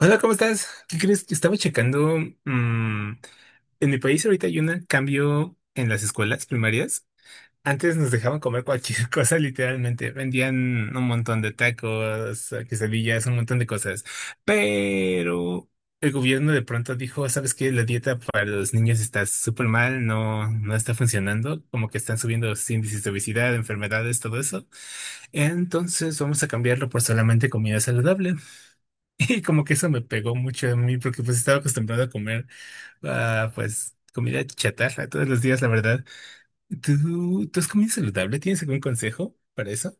Hola, ¿cómo estás? ¿Qué crees? Estaba checando. mm, en mi país ahorita hay un cambio en las escuelas primarias. Antes nos dejaban comer cualquier cosa, literalmente. Vendían un montón de tacos, quesadillas, un montón de cosas. Pero el gobierno de pronto dijo, ¿sabes qué? La dieta para los niños está súper mal, no, no está funcionando. Como que están subiendo los índices de obesidad, enfermedades, todo eso. Entonces vamos a cambiarlo por solamente comida saludable. Y como que eso me pegó mucho a mí porque pues estaba acostumbrado a comer pues comida chatarra todos los días, la verdad. ¿Tú has comido saludable? ¿Tienes algún consejo para eso?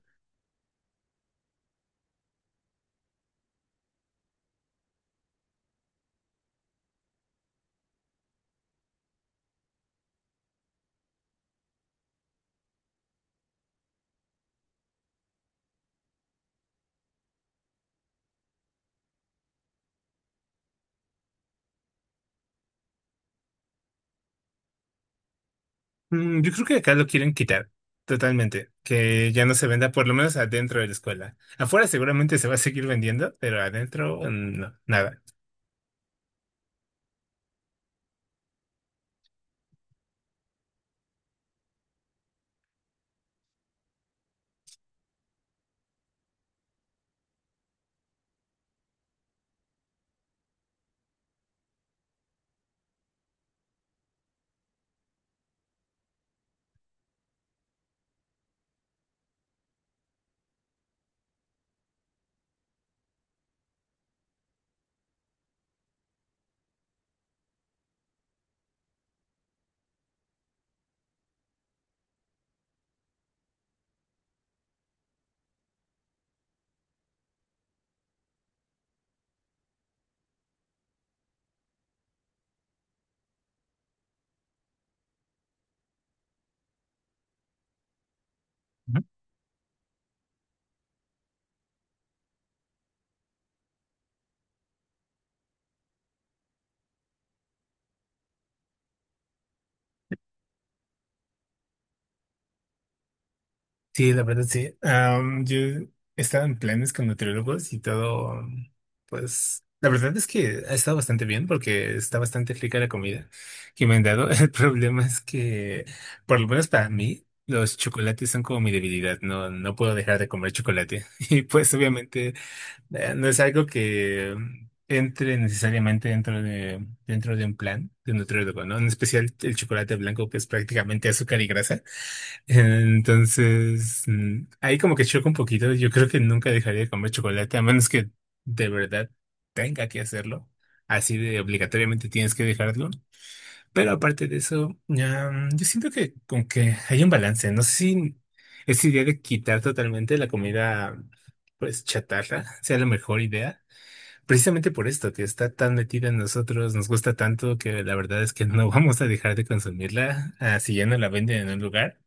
Mm, yo creo que acá lo quieren quitar totalmente, que ya no se venda por lo menos adentro de la escuela. Afuera seguramente se va a seguir vendiendo, pero adentro no, nada. Sí, la verdad sí. Yo estaba en planes con nutriólogos y todo, pues la verdad es que ha estado bastante bien porque está bastante rica la comida que me han dado. El problema es que, por lo menos para mí, los chocolates son como mi debilidad. No, no puedo dejar de comer chocolate. Y pues obviamente no es algo que entre necesariamente dentro de un plan de nutriólogo, ¿no? En especial el chocolate blanco que es prácticamente azúcar y grasa. Entonces, ahí como que choca un poquito. Yo creo que nunca dejaría de comer chocolate, a menos que de verdad tenga que hacerlo. Así de obligatoriamente tienes que dejarlo. Pero aparte de eso, ya, yo siento que con que hay un balance. No sé si esa idea de quitar totalmente la comida, pues chatarra, sea la mejor idea. Precisamente por esto, que está tan metida en nosotros, nos gusta tanto que la verdad es que no vamos a dejar de consumirla, así ya no la venden en un lugar.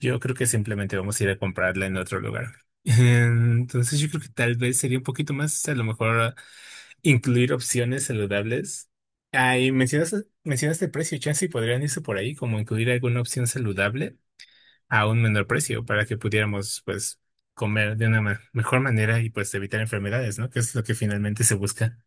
Yo creo que simplemente vamos a ir a comprarla en otro lugar. Entonces yo creo que tal vez sería un poquito más, a lo mejor, incluir opciones saludables. Ah, y mencionaste el precio, chance y podrían irse por ahí, como incluir alguna opción saludable a un menor precio para que pudiéramos, pues, comer de una mejor manera y pues evitar enfermedades, ¿no? Que es lo que finalmente se busca.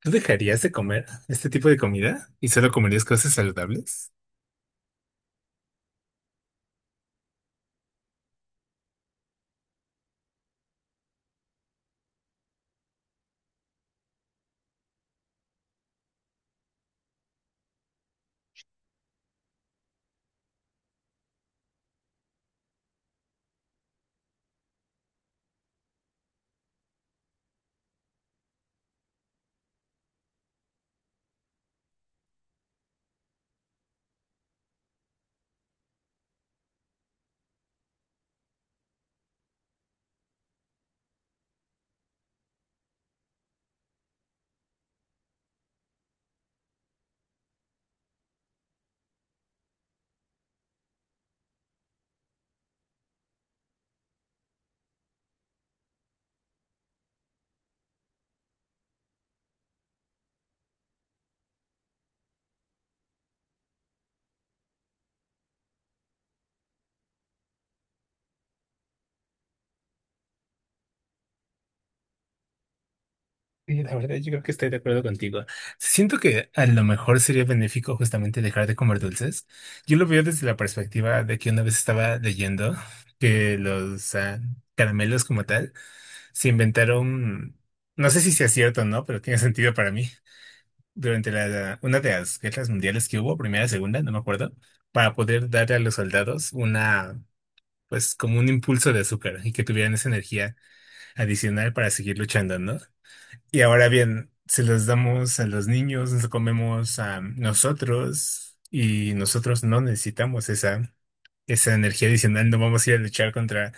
¿Tú dejarías de comer este tipo de comida y solo comerías cosas saludables? Sí, la verdad, yo creo que estoy de acuerdo contigo. Siento que a lo mejor sería benéfico justamente dejar de comer dulces. Yo lo veo desde la perspectiva de que una vez estaba leyendo que los caramelos como tal se inventaron, no sé si sea cierto o no, pero tiene sentido para mí, durante una de las guerras mundiales que hubo, primera, segunda, no me acuerdo, para poder darle a los soldados una, pues como un impulso de azúcar y que tuvieran esa energía adicional para seguir luchando, ¿no? Y ahora bien, se los damos a los niños, nos lo comemos a nosotros y nosotros no necesitamos esa energía adicional, no vamos a ir a luchar contra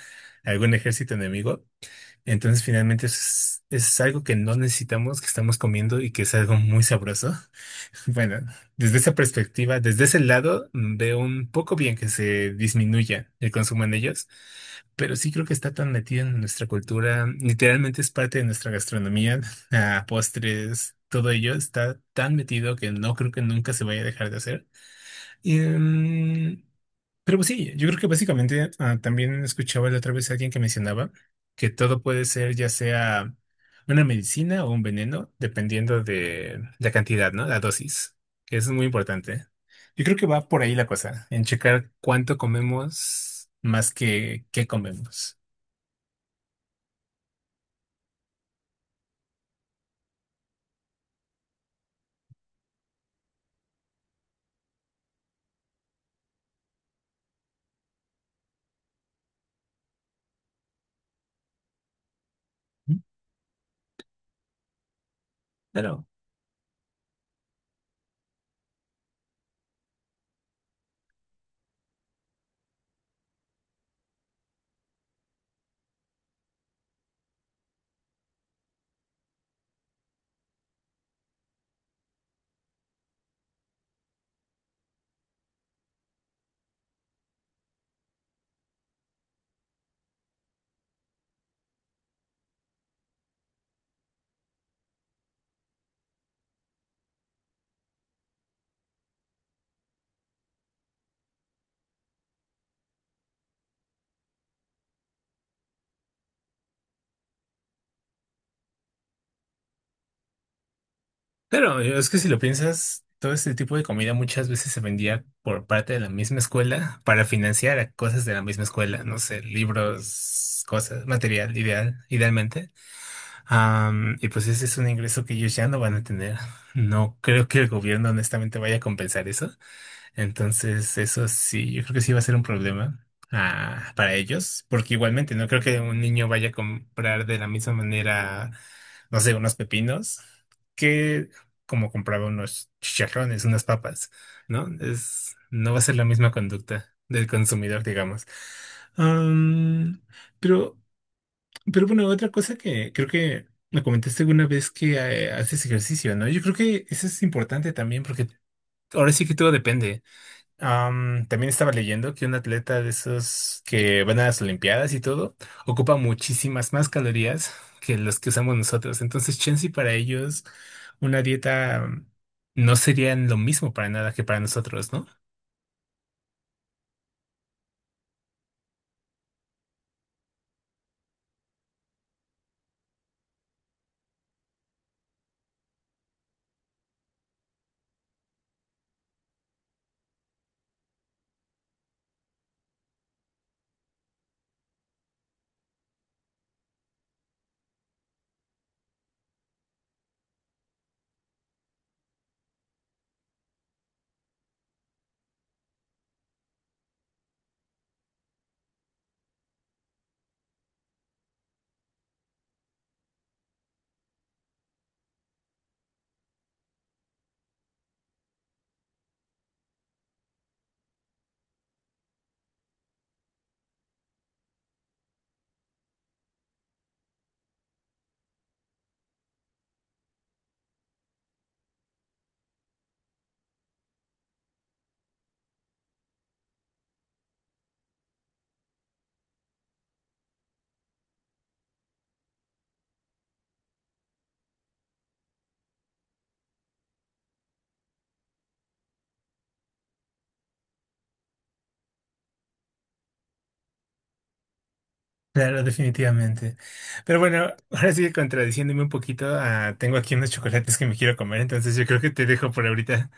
algún ejército enemigo. Entonces, finalmente es algo que no necesitamos, que estamos comiendo y que es algo muy sabroso. Bueno, desde esa perspectiva, desde ese lado, veo un poco bien que se disminuya el consumo en ellos, pero sí creo que está tan metido en nuestra cultura, literalmente es parte de nuestra gastronomía, ah, postres, todo ello está tan metido que no creo que nunca se vaya a dejar de hacer. Em, pero pues sí, yo creo que básicamente también escuchaba la otra vez a alguien que mencionaba que todo puede ser ya sea una medicina o un veneno, dependiendo de la cantidad, ¿no? La dosis, que eso es muy importante. Yo creo que va por ahí la cosa, en checar cuánto comemos más que qué comemos. Pero Pero es que si lo piensas, todo este tipo de comida muchas veces se vendía por parte de la misma escuela para financiar a cosas de la misma escuela, no sé, libros, cosas, material, ideal, idealmente. Y pues ese es un ingreso que ellos ya no van a tener. No creo que el gobierno honestamente vaya a compensar eso. Entonces, eso sí, yo creo que sí va a ser un problema para ellos, porque igualmente no creo que un niño vaya a comprar de la misma manera, no sé, unos pepinos que como compraba unos chicharrones, unas papas, ¿no? Es, no va a ser la misma conducta del consumidor, digamos. Am, pero, pero bueno, otra cosa que creo que me comentaste alguna vez que haces ejercicio, ¿no? Yo creo que eso es importante también porque ahora sí que todo depende. También estaba leyendo que un atleta de esos que van a las Olimpiadas y todo ocupa muchísimas más calorías que los que usamos nosotros. Entonces, chance y para ellos una dieta no sería lo mismo para nada que para nosotros, ¿no? Claro, definitivamente. Pero bueno, ahora sí que contradiciéndome un poquito, tengo aquí unos chocolates que me quiero comer, entonces yo creo que te dejo por ahorita.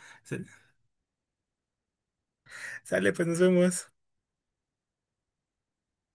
Sale, pues nos vemos.